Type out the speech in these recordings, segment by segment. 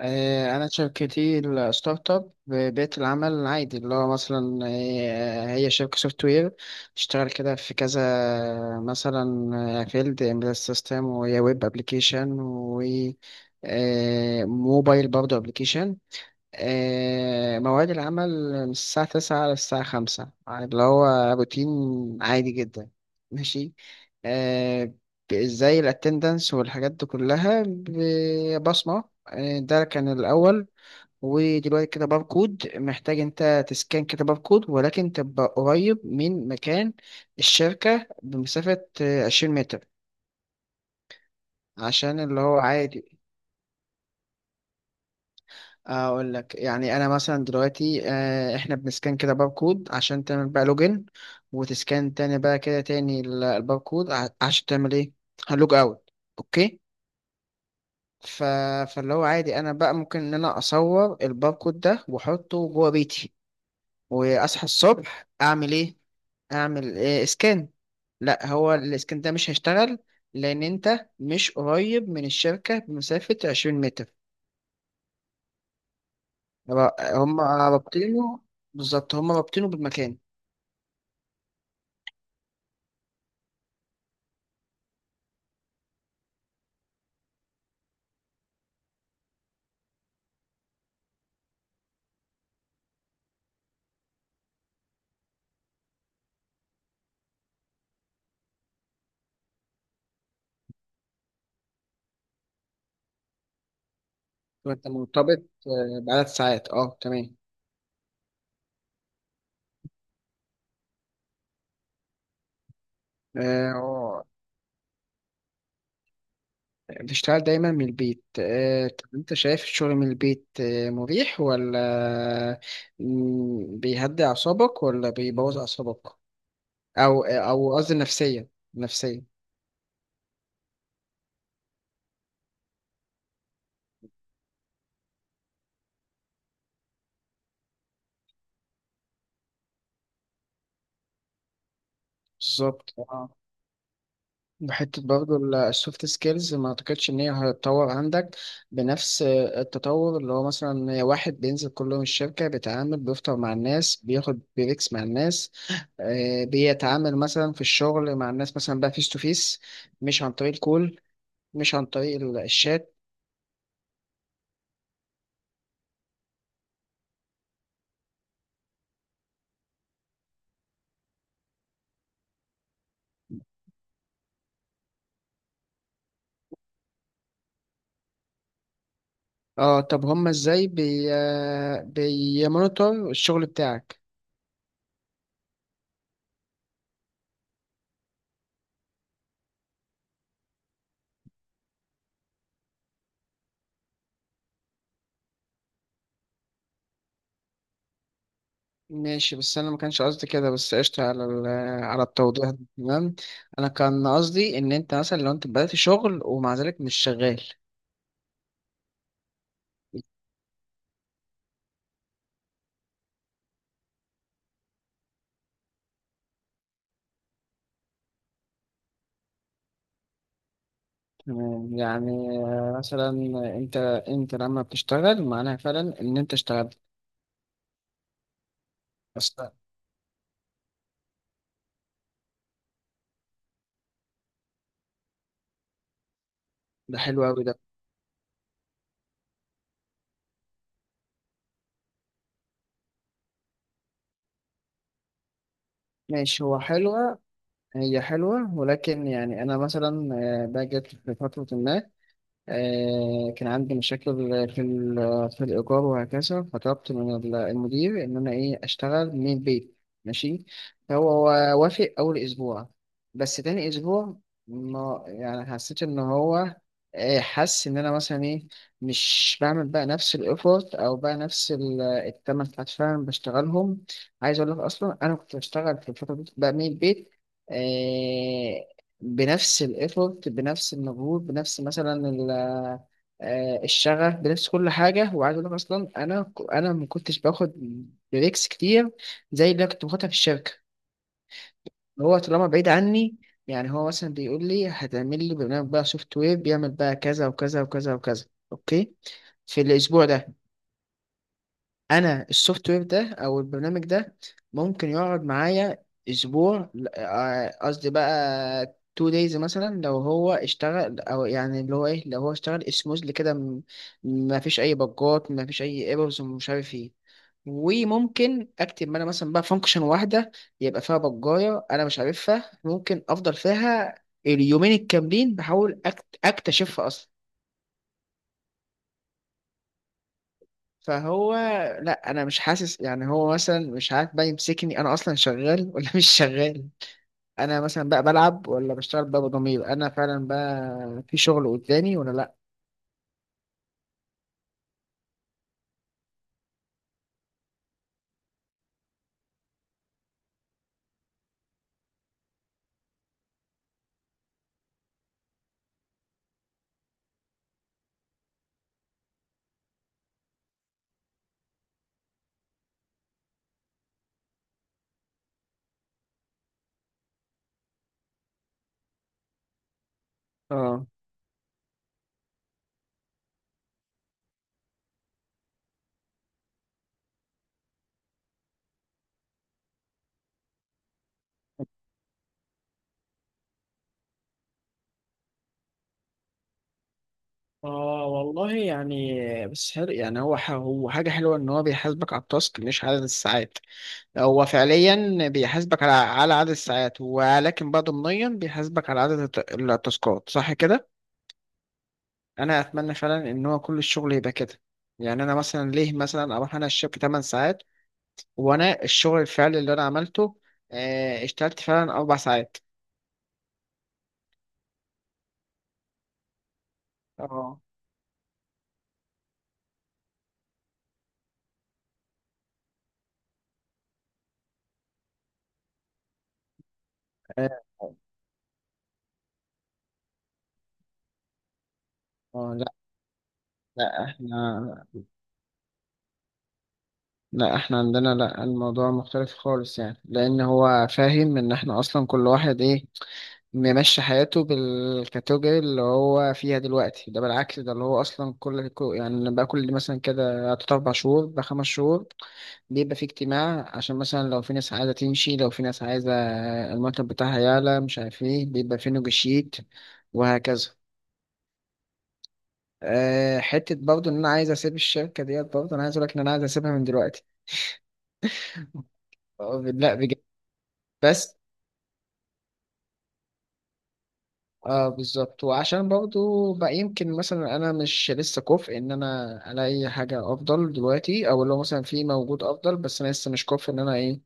أنا شركتي الستارت اب بيئة العمل العادي اللي هو مثلا هي شركة سوفت وير. اشتغل كده في كذا، مثلا فيلد امبيدد سيستم ويا ويب ابلكيشن، وموبايل برضه ابلكيشن. مواعيد العمل من الساعة 9 للساعة 5، اللي هو روتين عادي جدا. ماشي. آه، زي الاتندنس والحاجات دي كلها بصمة. ده كان الأول، ودلوقتي كده باركود. محتاج انت تسكان كده باركود، ولكن تبقى قريب من مكان الشركة بمسافة 20 متر، عشان اللي هو عادي. اقول لك يعني، انا مثلا دلوقتي احنا بنسكان كده باركود عشان تعمل بقى لوجن، وتسكان تاني بقى كده تاني الباركود عشان تعمل ايه؟ هلوج اوت. اوكي. ف... فاللي هو عادي، انا بقى ممكن ان انا اصور الباركود ده واحطه جوه بيتي، واصحى الصبح اعمل ايه؟ اعمل إيه سكان. لا، هو السكان ده مش هيشتغل، لان انت مش قريب من الشركة بمسافة 20 متر. هم رابطينه، بالظبط، هم رابطينه بالمكان. وانت مرتبط بعدد ساعات. اه تمام. آه، آه، بتشتغل دايما من البيت؟ طب انت شايف الشغل من البيت مريح ولا بيهدي اعصابك ولا بيبوظ اعصابك؟ او او قصدي نفسيا، نفسيا. بالظبط، بحتة برضه. السوفت سكيلز ما اعتقدش ان هي هتتطور عندك بنفس التطور، اللي هو مثلا واحد بينزل كل يوم الشركة، بيتعامل، بيفطر مع الناس، بياخد بريكس مع الناس، بيتعامل مثلا في الشغل مع الناس مثلا بقى فيس تو فيس، مش عن طريق الكول، مش عن طريق الشات. اه طب هما ازاي بي آه، بيمونيتور الشغل بتاعك؟ ماشي، بس انا ما كانش قصدي كده. بس قشطة على على التوضيح ده، تمام. انا كان قصدي ان انت مثلا لو انت بدأت شغل ومع ذلك مش شغال. تمام يعني، مثلا انت انت لما بتشتغل معناها فعلا ان انت اشتغلت. بس ده حلو قوي ده. ماشي، هو حلوة، هي حلوة، ولكن يعني انا مثلا باجي في فترة ما كان عندي مشاكل في في الإيجار وهكذا، فطلبت من المدير إن أنا إيه أشتغل من البيت. ماشي. فهو وافق أول أسبوع، بس تاني أسبوع ما يعني حسيت إن هو حس إن أنا مثلا إيه، مش بعمل بقى نفس الإيفورت أو بقى نفس التمن ساعات فعلا بشتغلهم. عايز أقول لك أصلا أنا كنت بشتغل في الفترة دي بقى من البيت آه، بنفس الايفورت، بنفس المجهود، بنفس مثلا الشغف، بنفس كل حاجه. وعايز اقول لك اصلا انا ما كنتش باخد بريكس كتير زي اللي أنا كنت باخدها في الشركه. اللي هو طالما بعيد عني، يعني هو مثلا بيقول لي هتعمل لي برنامج بقى سوفت وير بيعمل بقى كذا وكذا وكذا وكذا. اوكي، في الاسبوع ده انا السوفت وير ده او البرنامج ده ممكن يقعد معايا اسبوع قصدي بقى تو دايز، مثلا لو هو اشتغل، او يعني اللي هو ايه لو هو اشتغل سموزلي كده، ما فيش اي بجات، ما فيش اي ايرورز ومش عارف ايه. وممكن اكتب انا مثلا بقى فانكشن واحده يبقى فيها بجايه انا مش عارفها، ممكن افضل فيها اليومين الكاملين بحاول اكتشفها اصلا. فهو لا، انا مش حاسس يعني، هو مثلا مش عارف بقى يمسكني انا اصلا شغال ولا مش شغال. انا مثلا بقى بلعب ولا بشتغل بقى بضمير، انا فعلا بقى في شغل قدامي ولا لا. اه. اه والله يعني، بس حلو يعني، هو هو حاجة حلوة ان هو بيحاسبك على التاسك مش عدد الساعات. هو فعليا بيحاسبك على على عدد الساعات، ولكن بقى ضمنيا بيحاسبك على عدد التاسكات، صح كده؟ انا اتمنى فعلا ان هو كل الشغل يبقى كده. يعني انا مثلا ليه مثلا اروح انا الشركه 8 ساعات، وانا الشغل الفعلي اللي انا عملته اشتغلت فعلا 4 ساعات. اه. آه، لا، لا احنا، لا احنا عندنا، لا الموضوع مختلف خالص، يعني لان هو فاهم ان احنا اصلا كل واحد ايه ممشي حياته بالكاتيجوري اللي هو فيها دلوقتي. ده بالعكس ده اللي هو اصلا يعني بقى كل مثلا كده تلات اربع شهور بقى خمس شهور بيبقى في اجتماع، عشان مثلا لو في ناس عايزة تمشي، لو في ناس عايزة المرتب بتاعها يعلى، مش عارف ايه، بيبقى في نيجوشيت وهكذا. أه حتة برضه إن أنا عايز أسيب الشركة ديت، برضه أنا عايز أقول لك إن أنا عايز أسيبها من دلوقتي. أه، لا بجد. بس اه بالظبط، وعشان برضو بقى يمكن مثلا انا مش لسه كفء ان انا الاقي حاجه افضل دلوقتي، او لو مثلا في موجود افضل بس انا لسه مش كفء ان انا ايه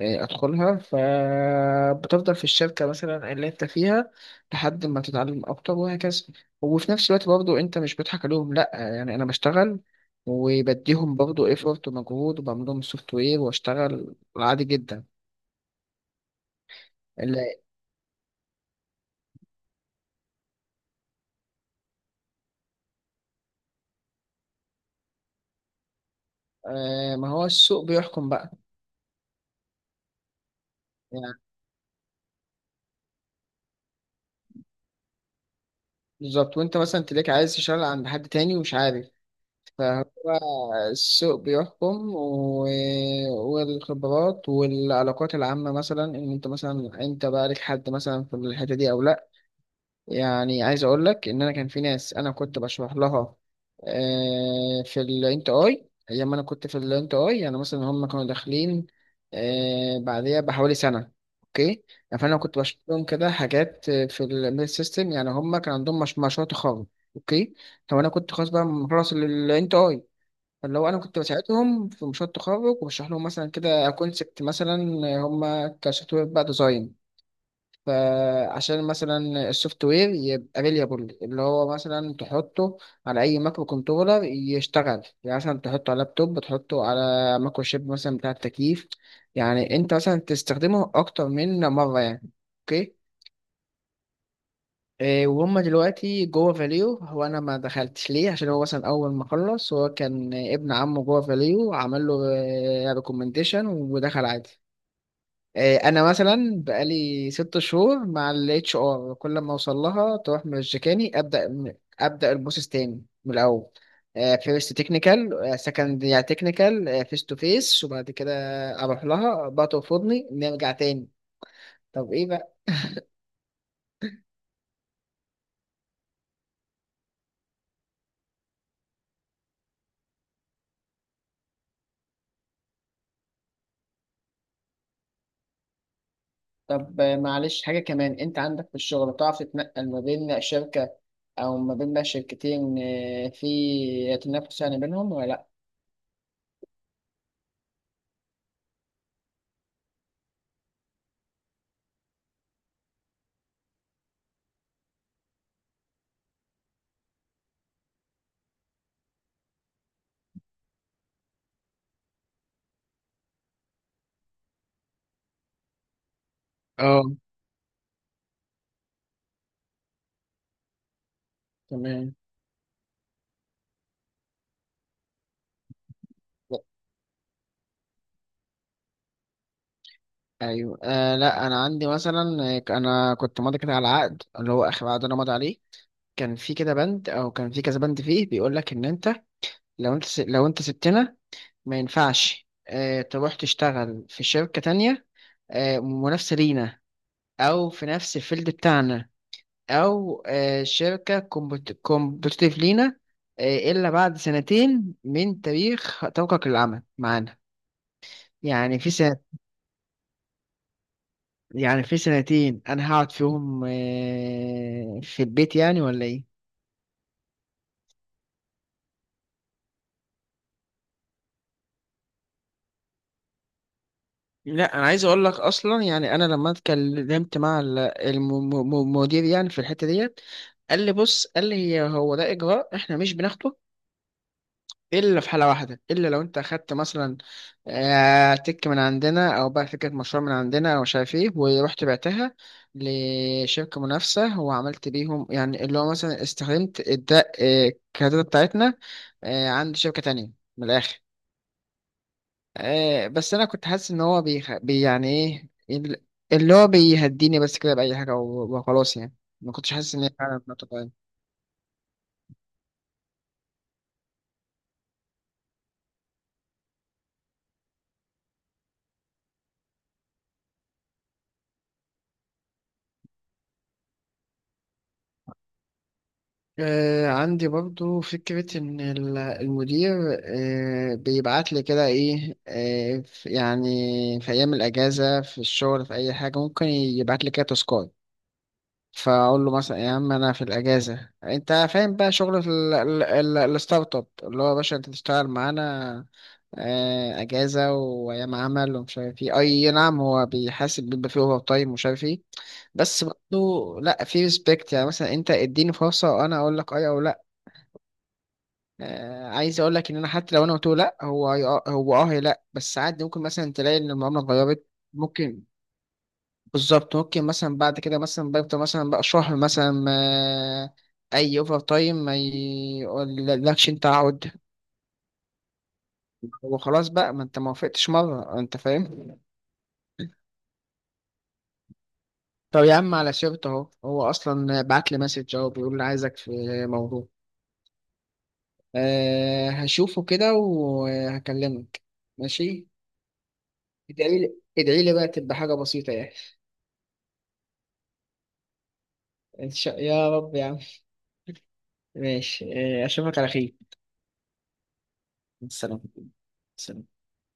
إيه ادخلها. فبتفضل في الشركه مثلا اللي انت فيها لحد ما تتعلم اكتر وهكذا. وفي نفس الوقت برضو انت مش بتضحك عليهم، لا يعني انا بشتغل وبديهم برضو ايفورت ومجهود، وبعمل لهم سوفت وير واشتغل عادي جدا. اللي آه ما هو السوق بيحكم بقى. يعني بالظبط، وانت مثلا تلاقيك عايز تشتغل عند حد تاني ومش عارف. فهو السوق بيحكم، والخبرات والعلاقات العامة، مثلا ان انت مثلا انت بقى لك حد مثلا في الحتة دي او لا. يعني عايز اقول لك ان انا كان في ناس انا كنت بشرح لها في الانت اي، ايام ما انا كنت في الانت اي، يعني مثلا هم كانوا داخلين بعديها بحوالي سنه. اوكي. يعني فانا كنت بشرح لهم كده حاجات في الميل سيستم، يعني هم كان عندهم مش مشروع تخرج. اوكي. طب انا كنت خلاص بقى مخلص الانت اي، فاللي هو انا كنت بساعدهم في مشروع التخرج وبشرح لهم مثلا كده كونسبت، مثلا هم كسوفت وير بقى ديزاين، فعشان مثلا السوفت وير يبقى ريليابل، اللي هو مثلا تحطه على اي مايكرو كنترولر يشتغل، يعني مثلا تحطه على لابتوب، تحطه على مايكرو شيب مثلا بتاع التكييف، يعني انت مثلا تستخدمه اكتر من مره يعني. اوكي. إيه، وهم دلوقتي جوه فاليو. هو انا ما دخلتش ليه؟ عشان هو مثلا اول ما خلص هو كان ابن عمه جوه فاليو، عمل له ريكومنديشن ودخل عادي. انا مثلا بقالي 6 شهور مع الاتش ار، كل ما اوصل لها تروح مرجكاني، ابدا ابدا البروسيس تاني من الاول. فيرست تكنيكال، سكند يعني تكنيكال فيس تو فيس، وبعد كده اروح لها بقى ترفضني نرجع تاني. طب ايه بقى؟ طب معلش حاجه كمان، انت عندك في الشغل بتعرف تتنقل ما بين شركه او ما بين بقى شركتين في تنافس يعني بينهم ولا لا؟ اه تمام. ايوه آه لا انا عندي مثلا انا كنت ماضي كده على عقد، اللي هو اخر عقد انا ماضي عليه كان في كده بند او كان في كذا بند فيه بيقول لك ان انت لو انت لو انت سبتنا ما ينفعش آه تروح تشتغل في شركة تانية آه منافسة لينا، او في نفس الفيلد بتاعنا، او آه شركة كومبتيتيف لينا، آه الا بعد سنتين من تاريخ توقعك للعمل معانا. يعني في يعني في سنتين انا هقعد فيهم في البيت يعني ولا ايه؟ لا انا عايز اقول لك اصلا، يعني انا لما اتكلمت مع المدير يعني في الحته ديت، قال لي بص، قال لي هو ده اجراء احنا مش بناخده الا في حاله واحده، الا لو انت اخدت مثلا تك من عندنا، او بقى فكره مشروع من عندنا، او مش عارف ايه ورحت بعتها لشركه منافسه وعملت بيهم، يعني اللي هو مثلا استخدمت الدا آه، الكادات بتاعتنا عند شركه تانية، من الاخر. بس انا كنت حاسس ان هو بيخ... بي يعني ايه اللي هو بيهديني بس كده باي حاجه وخلاص يعني. ما كنتش حاسس ان هي فعلا نقطة. عندي برضو فكرة إن المدير بيبعت لي كده إيه يعني في أيام الأجازة في الشغل، في أي حاجة ممكن يبعت لي كده تاسكات. فأقول له مثلا يا عم أنا في الأجازة، أنت فاهم بقى شغل الستارت أب، اللي هو يا باشا أنت تشتغل معانا أجازة وأيام عمل ومش عارف إيه، أي نعم هو بيحاسب، بيبقى فيه أوفر تايم ومش عارف إيه. بس برضه لا في ريسبكت، يعني مثلا انت اديني فرصه وانا اقول لك اي او لا. عايز اقول لك ان انا حتى لو انا قلت له لا، هو هي- آه، هو اه هي لا بس عادي، ممكن مثلا تلاقي ان المعامله اتغيرت. ممكن. بالظبط، ممكن مثلا بعد كده مثلا بيفضل مثلا بقى شهر مثلا ما اي اوفر تايم ما يقولكش انت عود. هو خلاص بقى ما انت ما وافقتش مره، انت فاهم. طب يا عم على سيرته اهو، هو اصلا بعت لي مسج اهو بيقول لي عايزك في موضوع. أه هشوفه كده وهكلمك. ماشي. ادعي لي، ادعي لي بقى تبقى حاجه بسيطه يعني. ان شاء يا رب يا عم. ماشي إيه، اشوفك على خير. سلام. سلام.